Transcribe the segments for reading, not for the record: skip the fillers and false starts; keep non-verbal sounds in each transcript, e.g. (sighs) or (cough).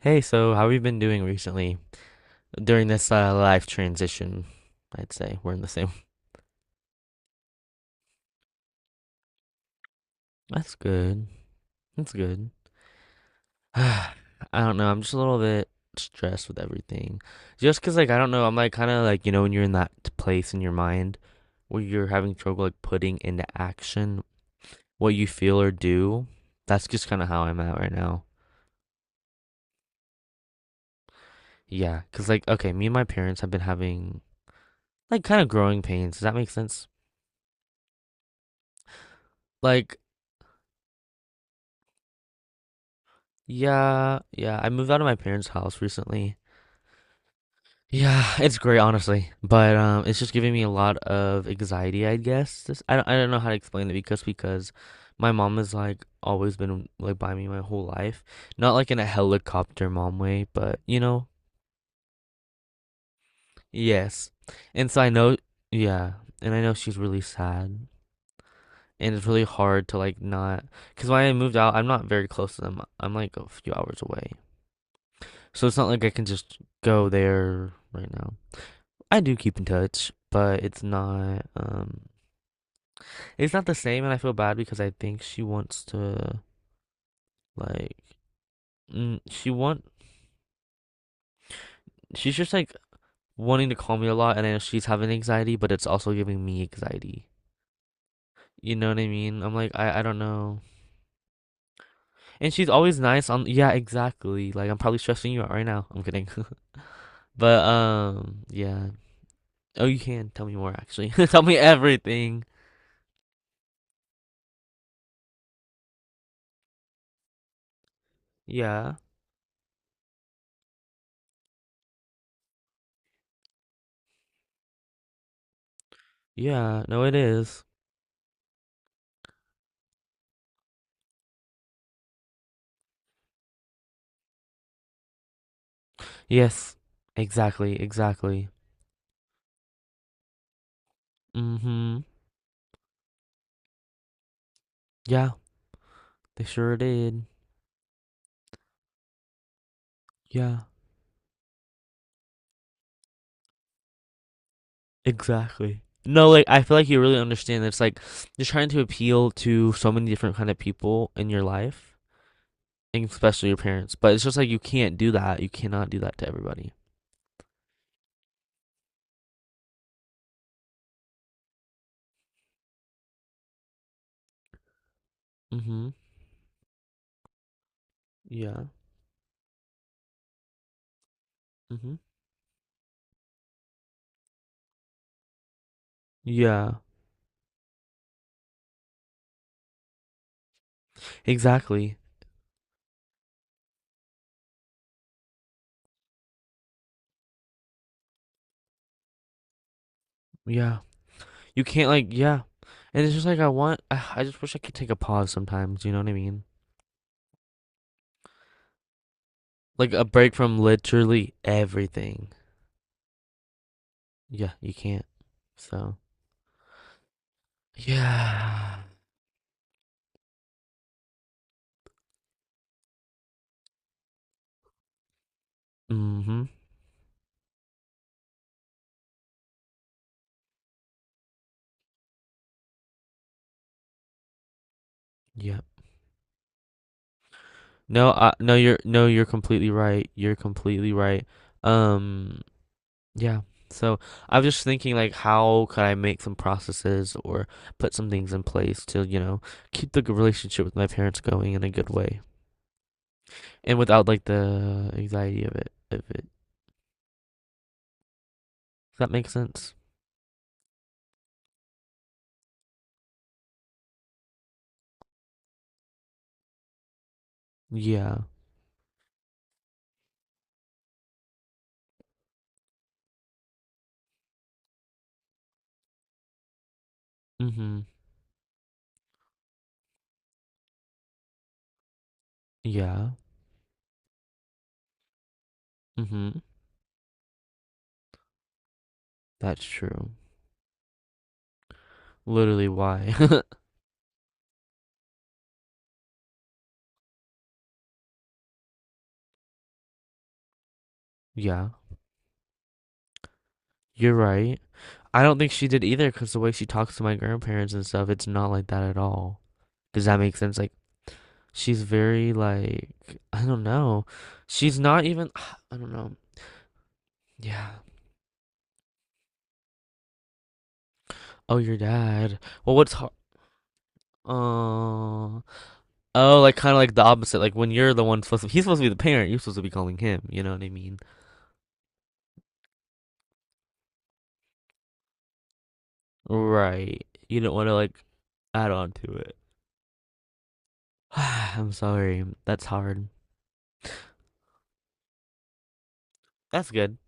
Hey, so how have you been doing recently during this life transition? I'd say we're in the same. That's good. That's good. (sighs) I don't know. I'm just a little bit stressed with everything. Just 'cause like I don't know, I'm like kind of like, when you're in that place in your mind where you're having trouble like putting into action what you feel or do. That's just kind of how I'm at right now. Yeah, 'cause like okay, me and my parents have been having like kind of growing pains. Does that make sense? Like yeah, yeah. I moved out of my parents' house recently. Yeah, it's great, honestly. But it's just giving me a lot of anxiety, I guess. This, I don't know how to explain it because my mom has like always been like by me my whole life. Not like in a helicopter mom way, but you know, yes. And so I know, yeah, and I know she's really sad. And it's really hard to like not, because when I moved out, I'm not very close to them. I'm like a few hours away. So it's not like I can just go there right now. I do keep in touch, but it's not, it's not the same and I feel bad because I think she wants to like mm, she's just like wanting to call me a lot and I know she's having anxiety, but it's also giving me anxiety. You know what I mean? I'm like I don't know. And she's always nice on yeah, exactly. Like I'm probably stressing you out right now. I'm kidding. (laughs) But yeah. Oh, you can tell me more actually. (laughs) Tell me everything. Yeah. Yeah, no it is. Yes. Exactly, exactly. Mhm. Yeah, they sure did. Yeah, exactly. No, like I feel like you really understand that it's like you're trying to appeal to so many different kind of people in your life, and especially your parents. But it's just like you can't do that. You cannot do that to everybody. Mhm. Yeah. Mhm. Yeah. Exactly. Yeah. You can't like yeah. And it's just like I want (sighs) I just wish I could take a pause sometimes, you know what I mean? Like a break from literally everything. Yeah, you can't. So yeah. Mm-hmm. Yep. No, you're no, you're completely right. You're completely right. Um, yeah. So I was just thinking like how could I make some processes or put some things in place to, you know, keep the g- relationship with my parents going in a good way and without like the anxiety of it. Does that make sense? Yeah. Mm-hmm. Yeah. Mm-hmm. That's true. Literally why. (laughs) Yeah. You're right. I don't think she did either because the way she talks to my grandparents and stuff, it's not like that at all. Does that make sense? Like, she's very, like, I don't know. She's not even, (sighs) I don't know. Yeah. Oh, your dad. Well, what's hard? Oh, oh, like kind of like the opposite. Like when you're the one supposed to, he's supposed to be the parent. You're supposed to be calling him. You know what I mean? Right. You don't want to like add on to it. (sighs) I'm sorry. That's hard. That's good.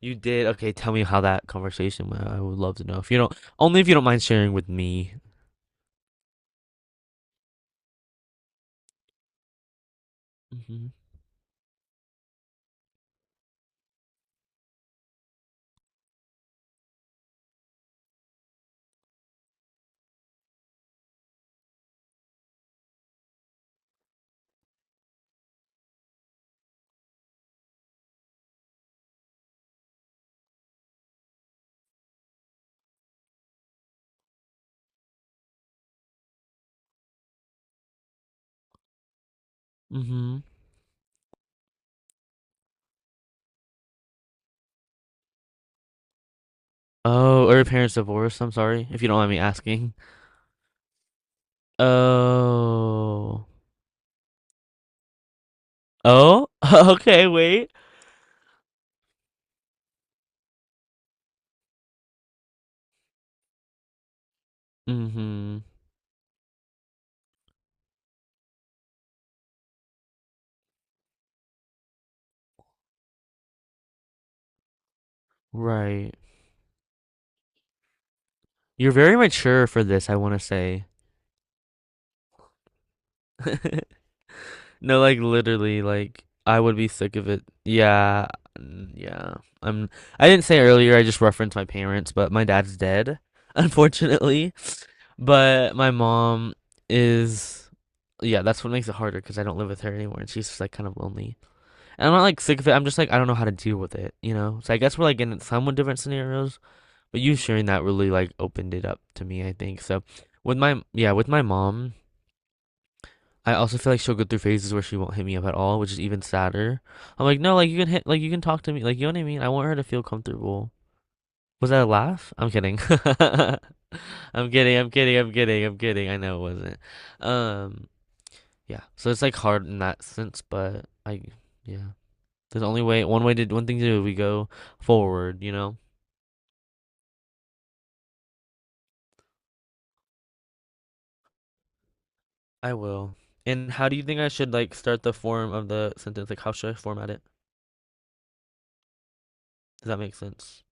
You did? Okay, tell me how that conversation went. I would love to know. If you don't, only if you don't mind sharing with me. Hmm. Hmm. Oh, are your parents divorced? I'm sorry if you don't mind me asking. Oh. Oh? (laughs) Okay, wait. Hmm. Right. You're very mature for this, I want to say. (laughs) No, like literally, like I would be sick of it. Yeah. Mm, yeah. I'm I didn't say earlier, I just referenced my parents, but my dad's dead, (laughs) unfortunately. But my mom is, yeah, that's what makes it harder because I don't live with her anymore, and she's just like kind of lonely. And I'm not like sick of it. I'm just like I don't know how to deal with it, you know. So I guess we're like in somewhat different scenarios. But you sharing that really like opened it up to me, I think. So with my mom, I also feel like she'll go through phases where she won't hit me up at all, which is even sadder. I'm like, no, like you can hit, like you can talk to me, like you know what I mean. I want her to feel comfortable. Was that a laugh? I'm kidding. (laughs) I'm kidding. I know it wasn't. Um, Yeah. So it's like hard in that sense, but I yeah. There's only way one way to one thing to do, we go forward, you know? I will. And how do you think I should like start the form of the sentence? Like how should I format it? Does that make sense?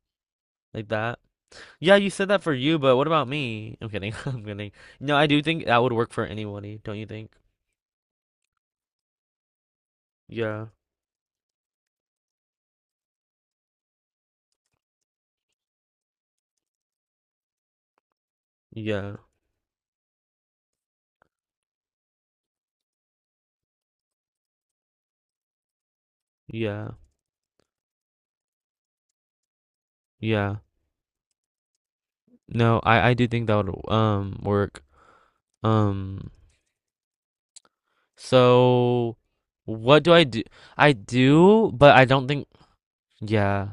Like that? Yeah, you said that for you, but what about me? I'm kidding. (laughs) I'm kidding. No, I do think that would work for anybody, don't you think? Yeah. Yeah. Yeah. Yeah. No, I do think that would work. Um, so, what do I do? I do, but I don't think. Yeah.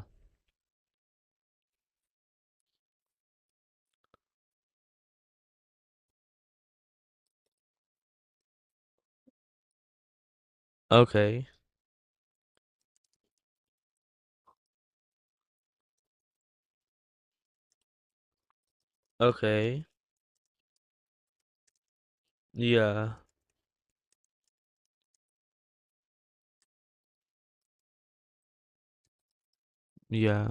Okay. Okay. Yeah. Yeah.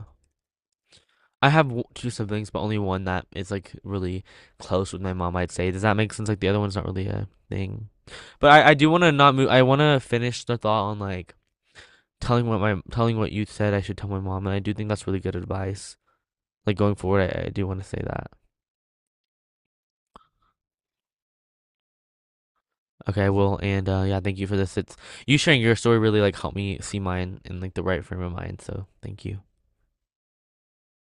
I have w- two siblings, but only one that is like really close with my mom, I'd say. Does that make sense? Like the other one's not really a thing. But I do want to not move. I want to finish the thought on like telling what you said I should tell my mom, and I do think that's really good advice. Like going forward, I do want to say that. Okay, well, and yeah, thank you for this. It's you sharing your story really like helped me see mine in like the right frame of mind. So thank you.